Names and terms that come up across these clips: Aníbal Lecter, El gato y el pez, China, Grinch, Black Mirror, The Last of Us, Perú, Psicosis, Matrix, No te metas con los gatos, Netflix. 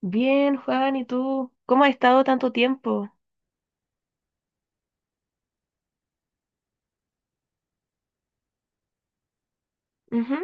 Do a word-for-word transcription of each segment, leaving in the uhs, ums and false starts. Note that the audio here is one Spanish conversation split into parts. Bien, Juan, ¿y tú? ¿Cómo has estado tanto tiempo? Ujú.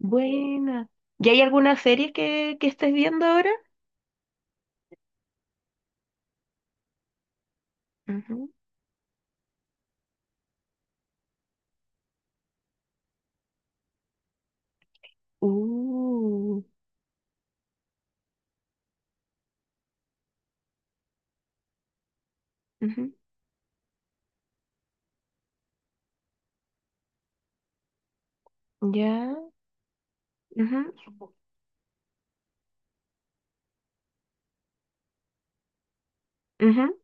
Buena. ¿Y hay alguna serie que, que estés viendo ahora? Ujú. Uh. Ujú, ya. Ujú, ujú,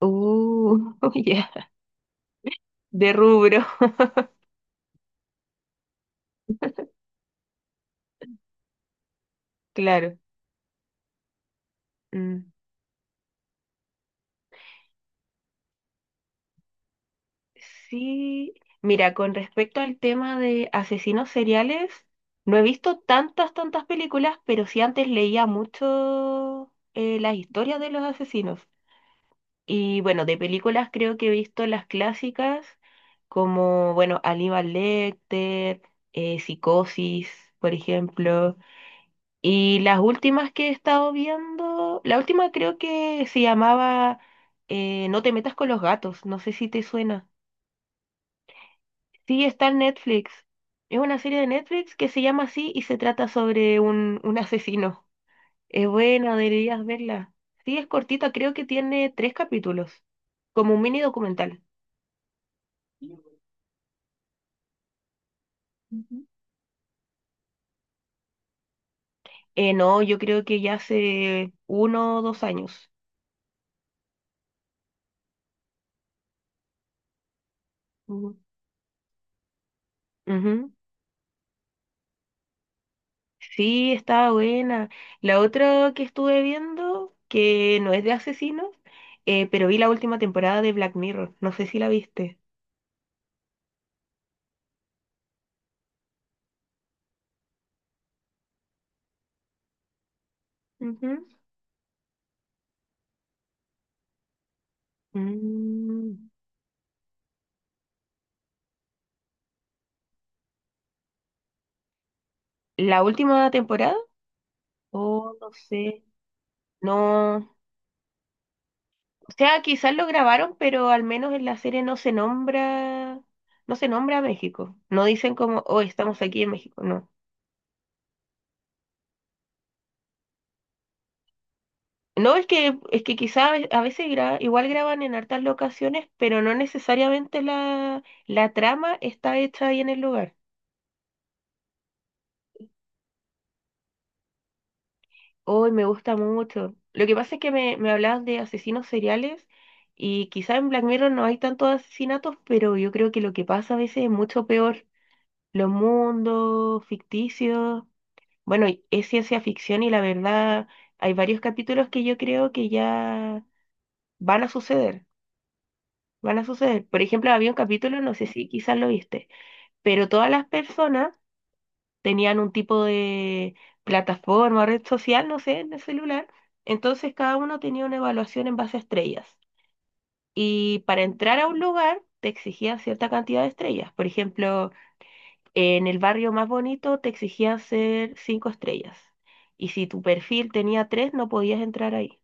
uh, ya. De rubro. Claro. Mm, sí. Mira, con respecto al tema de asesinos seriales, no he visto tantas, tantas películas, pero sí antes leía mucho eh, las historias de los asesinos. Y bueno, de películas creo que he visto las clásicas como, bueno, Aníbal Lecter, eh, Psicosis, por ejemplo. Y las últimas que he estado viendo, la última creo que se llamaba eh, No te metas con los gatos, no sé si te suena. Sí, está en Netflix. Es una serie de Netflix que se llama así y se trata sobre un, un asesino. Es buena, deberías verla. Sí, es cortita, creo que tiene tres capítulos, como un mini documental. Ujú. Eh, no, yo creo que ya hace uno o dos años. Ujú. Ujú. Sí, estaba buena. La otra que estuve viendo, que no es de asesinos, eh, pero vi la última temporada de Black Mirror. No sé si la viste. Ujú. Mm, ¿La última temporada? Oh, no sé. No. O sea, quizás lo grabaron, pero al menos en la serie no se nombra, no se nombra a México. No dicen como, oh, estamos aquí en México. No. No, es que, es que quizás a veces gra- igual graban en hartas locaciones, pero no necesariamente la, la trama está hecha ahí en el lugar. Hoy me gusta mucho. Lo que pasa es que me, me hablaban de asesinos seriales y quizás en Black Mirror no hay tantos asesinatos, pero yo creo que lo que pasa a veces es mucho peor. Los mundos ficticios, bueno, y es ciencia ficción y la verdad hay varios capítulos que yo creo que ya van a suceder. Van a suceder. Por ejemplo, había un capítulo, no sé si quizás lo viste, pero todas las personas tenían un tipo de plataforma, red social, no sé, en el celular. Entonces cada uno tenía una evaluación en base a estrellas. Y para entrar a un lugar te exigían cierta cantidad de estrellas. Por ejemplo, en el barrio más bonito te exigían ser cinco estrellas. Y si tu perfil tenía tres, no podías entrar ahí.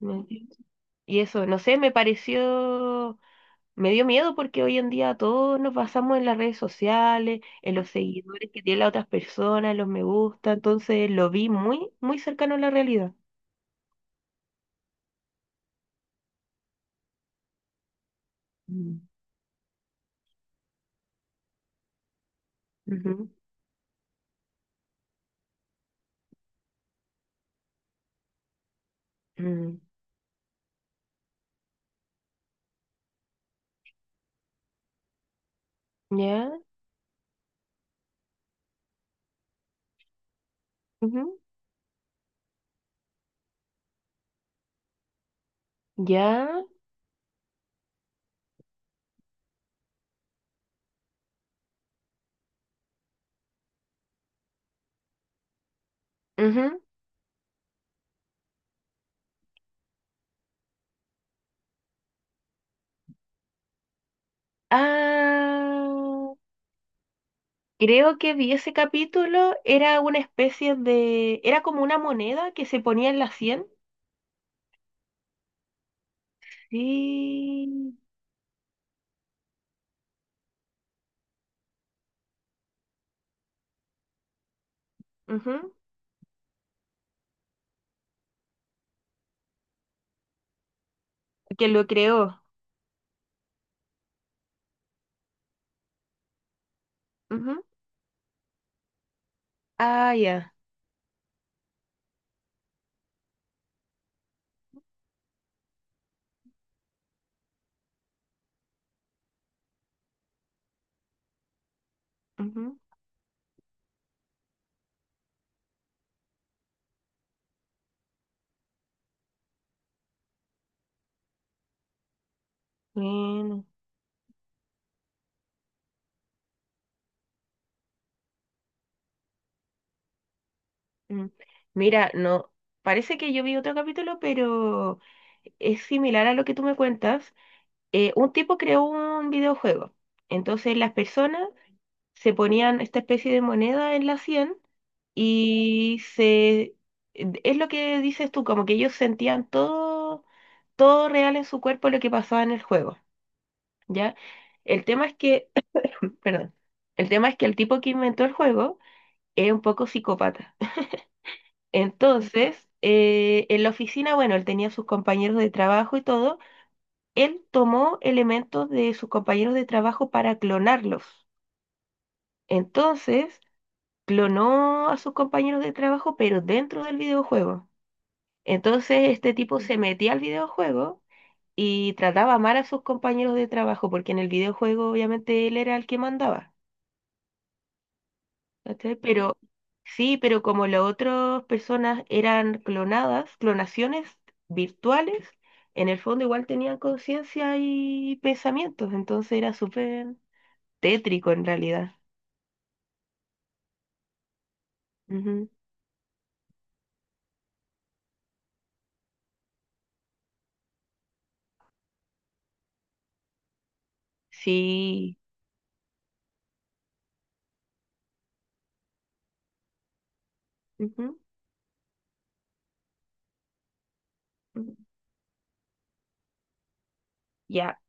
¿Me entiendes? Y eso, no sé, me pareció me dio miedo porque hoy en día todos nos basamos en las redes sociales, en los Mm. seguidores que tienen las otras personas, en los me gusta, entonces lo vi muy, muy cercano a la realidad. Mm. Ujú. Mm. Ya, ujú, ya, ujú. Ah, creo que vi ese capítulo, era una especie de, era como una moneda que se ponía en la cien. Sí. Ujú. Que lo creó. Ujú. Ah, ya. Ujú. Bueno. Mm. Mira, no, parece que yo vi otro capítulo, pero es similar a lo que tú me cuentas. Eh, un tipo creó un videojuego. Entonces las personas se ponían esta especie de moneda en la cien y se... Es lo que dices tú, como que ellos sentían todo, todo real en su cuerpo lo que pasaba en el juego, ¿ya? El tema es que, perdón, el tema es que el tipo que inventó el juego es un poco psicópata. Entonces, eh, en la oficina, bueno, él tenía sus compañeros de trabajo y todo. Él tomó elementos de sus compañeros de trabajo para clonarlos. Entonces, clonó a sus compañeros de trabajo, pero dentro del videojuego. Entonces, este tipo se metía al videojuego y trataba mal a sus compañeros de trabajo, porque en el videojuego obviamente él era el que mandaba. ¿Cachai? Pero sí, pero como las otras personas eran clonadas, clonaciones virtuales, en el fondo igual tenían conciencia y pensamientos, entonces era súper tétrico en realidad. Ujú. Sí. Ujú, ujú. Ya.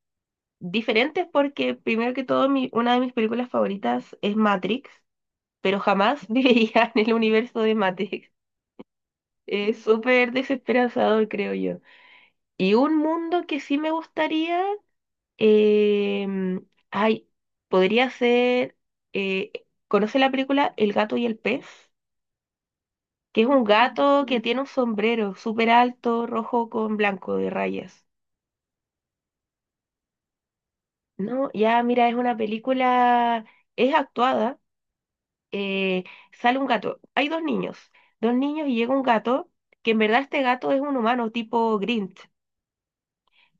Diferentes porque primero que todo mi, una de mis películas favoritas es Matrix, pero jamás viviría en el universo de Matrix. Es súper desesperanzador, creo yo. Y un mundo que sí me gustaría. Em, Ay, podría ser. eh, ¿Conoce la película El gato y el pez? Que es un gato que Mm, tiene un sombrero súper alto, rojo con blanco de rayas. No, ya mira, es una película. Es actuada. eh, sale un gato. Hay dos niños. Dos niños y llega un gato. Que en verdad este gato es un humano tipo Grinch.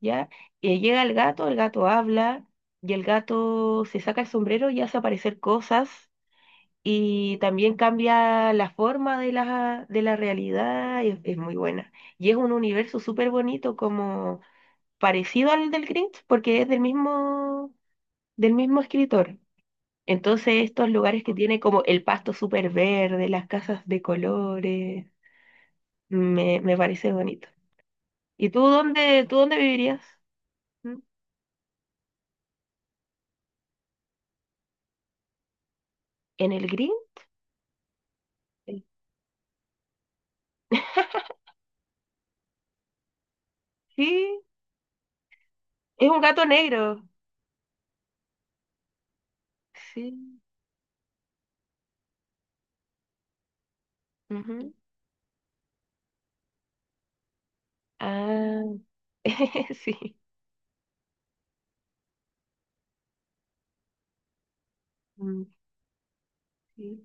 ¿Ya? Y llega el gato, el gato habla. Y el gato se saca el sombrero y hace aparecer cosas y también cambia la forma de la, de la realidad, y es, es muy buena. Y es un universo súper bonito, como parecido al del Grinch, porque es del mismo, del mismo escritor. Entonces, estos lugares que tiene como el pasto súper verde, las casas de colores, me, me parece bonito. ¿Y tú dónde, tú dónde vivirías? ¿Mm? ¿En el Grinch? Eh, Sí, es un gato negro. Sí. Ujú. Ah, sí. Mm.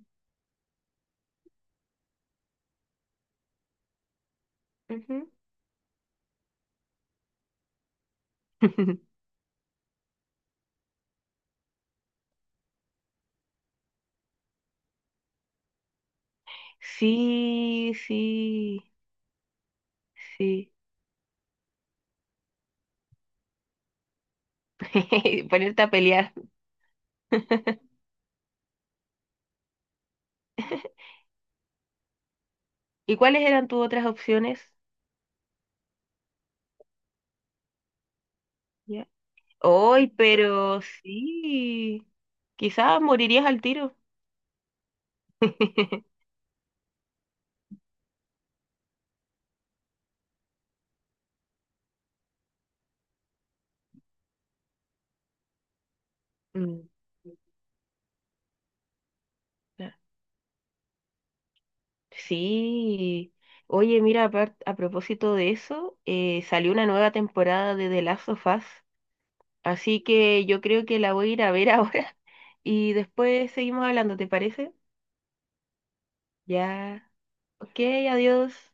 Ujú. Sí, sí, sí. Ponerte a pelear. ¿Y cuáles eran tus otras opciones? Ya. Hoy, pero sí. Quizás morirías al tiro. Mm. Ya. Sí. Oye, mira, apar- a propósito de eso, eh, salió una nueva temporada de The Last of Us, así que yo creo que la voy a ir a ver ahora y después seguimos hablando, ¿te parece? Ya. Ok, adiós.